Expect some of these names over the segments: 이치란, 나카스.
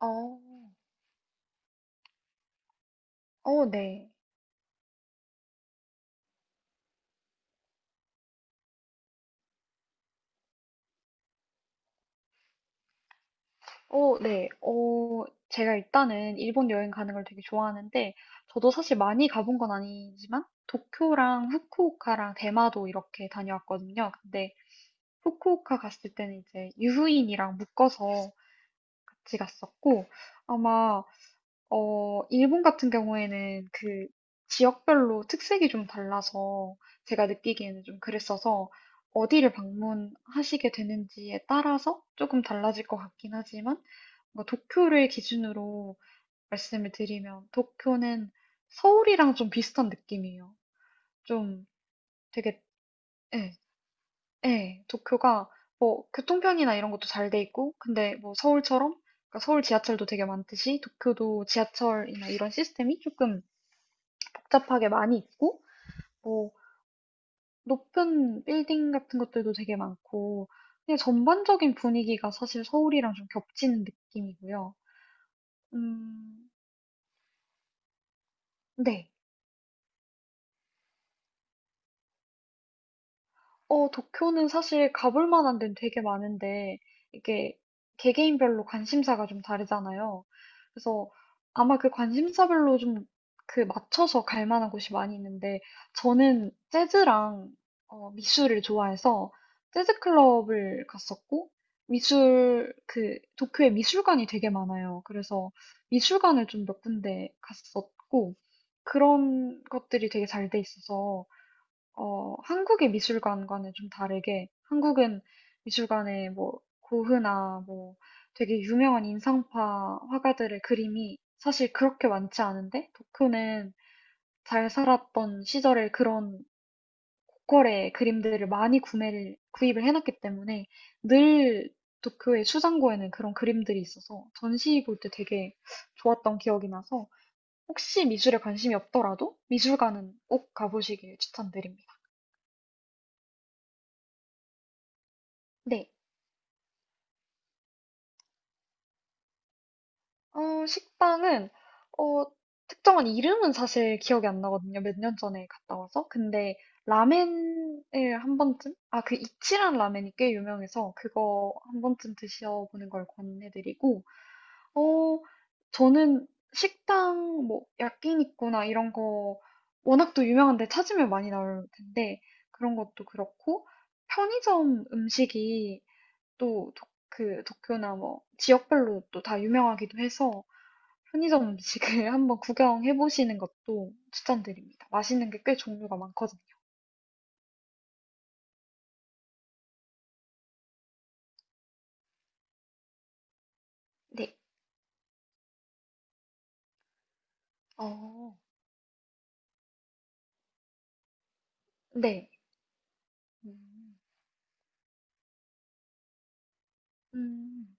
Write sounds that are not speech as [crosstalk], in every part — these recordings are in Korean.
어, 어, 네. 어, 네. 제가 일단은 일본 여행 가는 걸 되게 좋아하는데, 저도 사실 많이 가본 건 아니지만, 도쿄랑 후쿠오카랑 대마도 이렇게 다녀왔거든요. 근데 후쿠오카 갔을 때는 이제 유후인이랑 묶어서 같이 갔었고, 아마 일본 같은 경우에는 그 지역별로 특색이 좀 달라서 제가 느끼기에는 좀 그랬어서 어디를 방문하시게 되는지에 따라서 조금 달라질 것 같긴 하지만 뭔가 도쿄를 기준으로 말씀을 드리면 도쿄는 서울이랑 좀 비슷한 느낌이에요. 좀 되게, 예, 예, 도쿄가 뭐 교통편이나 이런 것도 잘 돼 있고 근데 뭐 서울처럼 그러니까 서울 지하철도 되게 많듯이 도쿄도 지하철이나 이런 시스템이 조금 복잡하게 많이 있고, 뭐, 높은 빌딩 같은 것들도 되게 많고, 그냥 전반적인 분위기가 사실 서울이랑 좀 겹치는 느낌이고요. 음, 네. 도쿄는 사실 가볼 만한 데는 되게 많은데, 이게 개개인별로 관심사가 좀 다르잖아요. 그래서 아마 그 관심사별로 좀 그 맞춰서 갈 만한 곳이 많이 있는데, 저는 재즈랑 미술을 좋아해서 재즈 클럽을 갔었고, 미술, 그, 도쿄에 미술관이 되게 많아요. 그래서 미술관을 좀 몇 군데 갔었고, 그런 것들이 되게 잘 돼 있어서, 한국의 미술관과는 좀 다르게, 한국은 미술관에 뭐, 고흐나 뭐, 되게 유명한 인상파 화가들의 그림이 사실 그렇게 많지 않은데, 도쿄는 잘 살았던 시절의 그런 고퀄의 그림들을 많이 구매를, 구입을 해놨기 때문에 늘 도쿄의 수장고에는 그런 그림들이 있어서 전시 볼 때 되게 좋았던 기억이 나서 혹시 미술에 관심이 없더라도 미술관은 꼭 가보시길 추천드립니다. 네. 식당은, 어, 특정한 이름은 사실 기억이 안 나거든요. 몇 년 전에 갔다 와서. 근데 라멘을 한 번쯤? 아, 그 이치란 라멘이 꽤 유명해서 그거 한 번쯤 드셔보는 걸 권해드리고, 어, 저는 식당, 뭐, 야끼니쿠나 이런 거 워낙 또 유명한데 찾으면 많이 나올 텐데, 그런 것도 그렇고, 편의점 음식이 또 도- 그 도쿄나 뭐 지역별로 또 다 유명하기도 해서 편의점 음식을 [laughs] 한번 구경해 보시는 것도 추천드립니다. 맛있는 게 꽤 종류가 많거든요. 네. 어, 네. 음. 음.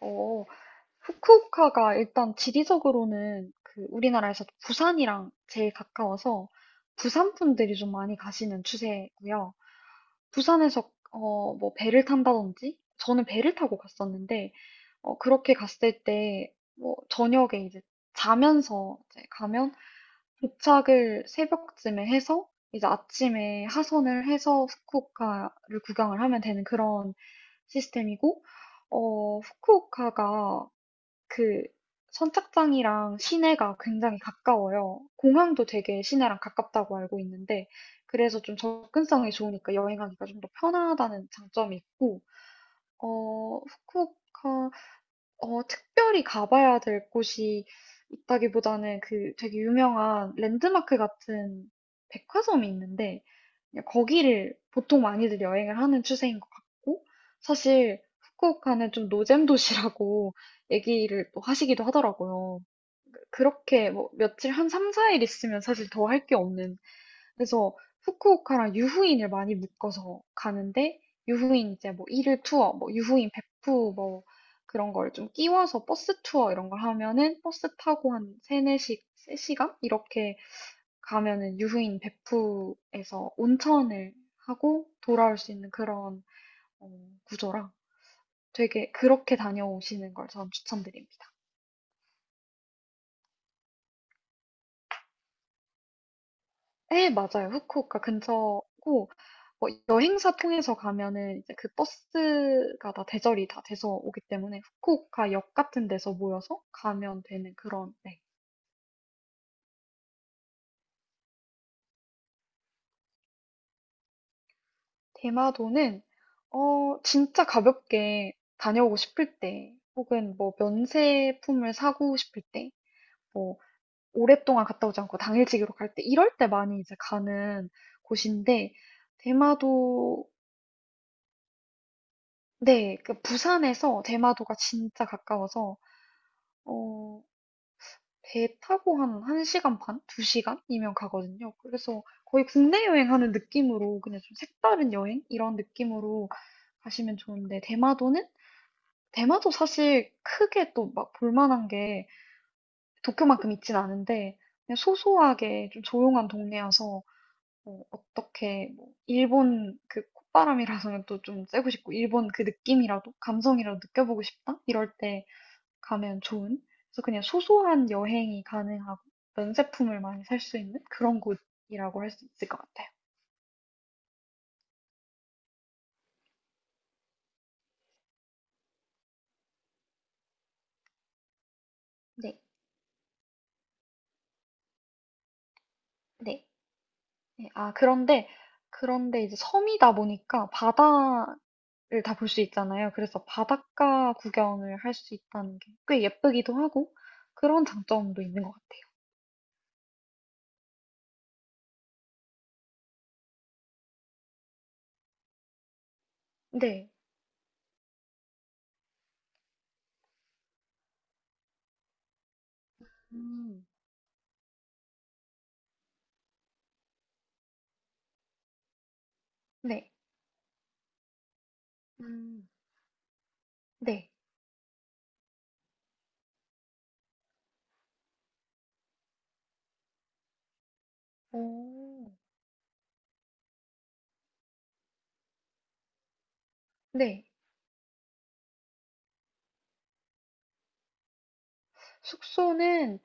어, 후쿠오카가 일단 지리적으로는 그 우리나라에서 부산이랑 제일 가까워서 부산 분들이 좀 많이 가시는 추세고요. 부산에서 뭐 배를 탄다든지 저는 배를 타고 갔었는데 그렇게 갔을 때 뭐 저녁에 이제 자면서 이제 가면 도착을 새벽쯤에 해서 이제 아침에 하선을 해서 후쿠오카를 구경을 하면 되는 그런 시스템이고, 후쿠오카가 그 선착장이랑 시내가 굉장히 가까워요. 공항도 되게 시내랑 가깝다고 알고 있는데, 그래서 좀 접근성이 좋으니까 여행하기가 좀 더 편하다는 장점이 있고, 어, 후쿠오카 특별히 가봐야 될 곳이 있다기보다는 그 되게 유명한 랜드마크 같은 백화점이 있는데 그냥 거기를 보통 많이들 여행을 하는 추세인 것 같고 사실 후쿠오카는 좀 노잼 도시라고 [laughs] 얘기를 또 하시기도 하더라고요. 그렇게 뭐 며칠 한 3, 4일 있으면 사실 더 할 게 없는 그래서 후쿠오카랑 유후인을 많이 묶어서 가는데 유후인 이제 뭐 일일 투어, 뭐 유후인 베프 뭐 그런 걸 좀 끼워서 버스 투어 이런 걸 하면은 버스 타고 한 3, 네시 세 시간 이렇게 가면은 유후인 베프에서 온천을 하고 돌아올 수 있는 그런 어, 구조라 되게 그렇게 다녀오시는 걸 저는 추천드립니다. 예, 맞아요. 후쿠오카 근처고 뭐 여행사 통해서 가면은 이제 그 버스가 다 대절이 다 돼서 오기 때문에 후쿠오카 역 같은 데서 모여서 가면 되는 그런 네. 대마도는 어 진짜 가볍게 다녀오고 싶을 때 혹은 뭐 면세품을 사고 싶을 때 뭐 오랫동안 갔다 오지 않고 당일치기로 갈 때 이럴 때 많이 이제 가는 곳인데 대마도 네, 그 부산에서 대마도가 진짜 가까워서 어, 배 타고 한 1시간 반? 2시간이면 가거든요. 그래서 거의 국내 여행하는 느낌으로 그냥 좀 색다른 여행? 이런 느낌으로 가시면 좋은데, 대마도는? 대마도 사실 크게 또 막 볼만한 게 도쿄만큼 있진 않은데, 그냥 소소하게 좀 조용한 동네여서, 뭐 어떻게, 뭐 일본 그 콧바람이라서는 또 좀 쐬고 싶고, 일본 그 느낌이라도, 감성이라도 느껴보고 싶다? 이럴 때 가면 좋은 그래서 그냥 소소한 여행이 가능하고 면제품을 많이 살 수 있는 그런 곳이라고 할 수 있을 것 같아요. 네, 네. 네, 아, 그런데 이제 섬이다 보니까 바다를 다 볼 수 있잖아요. 그래서 바닷가 구경을 할 수 있다는 게 꽤 예쁘기도 하고 그런 장점도 있는 것 같아요. 네, 음, 네, 음, 네, 오, 네. 숙소는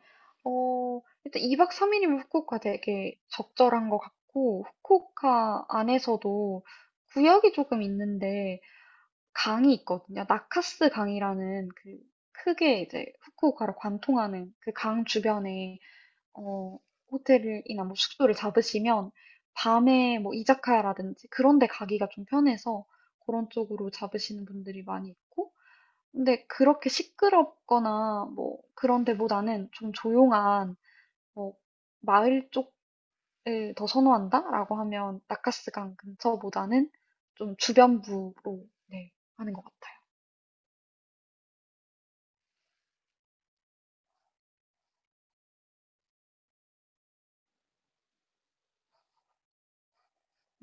일단 2박 3일이면 후쿠오카 되게 적절한 것 같고 후쿠오카 안에서도 구역이 조금 있는데 강이 있거든요. 나카스 강이라는 그 크게 이제 후쿠오카를 관통하는 그 강 주변에 어, 호텔이나 뭐 숙소를 잡으시면 밤에 뭐 이자카야라든지 그런 데 가기가 좀 편해서 그런 쪽으로 잡으시는 분들이 많이 있고 근데 그렇게 시끄럽거나 뭐 그런 데보다는 좀 조용한 뭐 마을 쪽을 더 선호한다라고 하면 나카스강 근처보다는 좀 주변부로 네, 하는 것 같아요.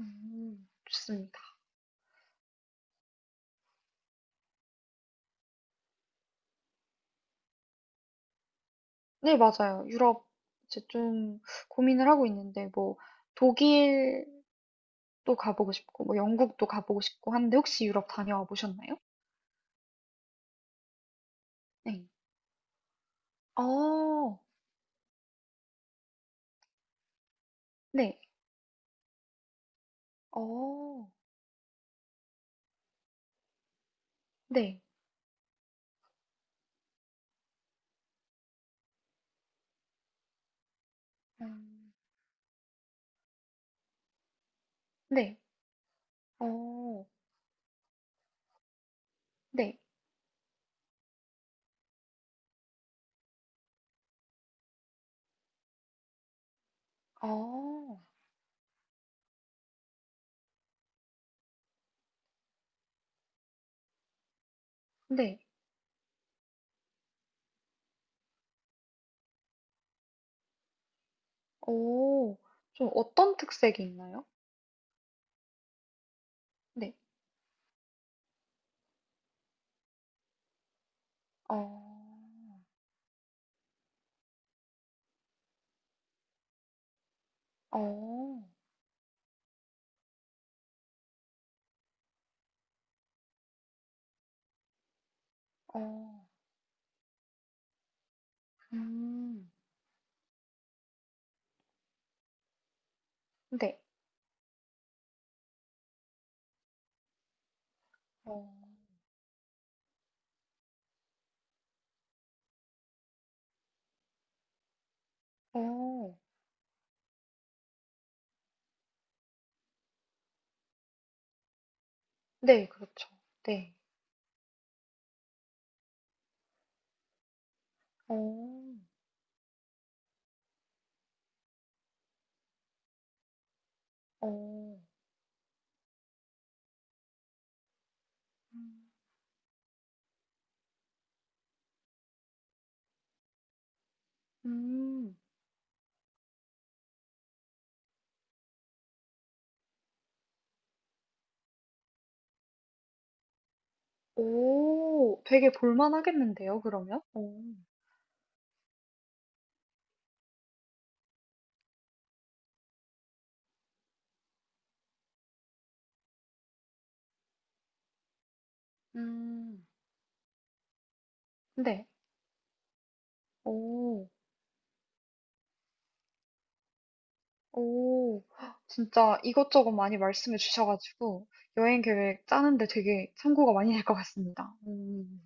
좋습니다. 네, 맞아요. 유럽 이제 좀 고민을 하고 있는데 뭐 독일도 가보고 싶고 뭐 영국도 가보고 싶고 하는데 혹시 유럽 다녀와 보셨나요? 네. 어, 네. 어, 네. 음, 네. 어, 네. 어 네. 오, 좀 어떤 특색이 있나요? 네. 어, 어, 어, 음, 네. 어, 어, 네, 그렇죠. 네. 어, 어, 음, 음. 오, 되게 볼만하겠는데요, 그러면? 오, 음, 네. 오. 오, 진짜 이것저것 많이 말씀해 주셔가지고 여행 계획 짜는데 되게 참고가 많이 될 것 같습니다. 음.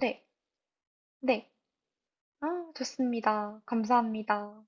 네, 네. 아, 좋습니다. 감사합니다.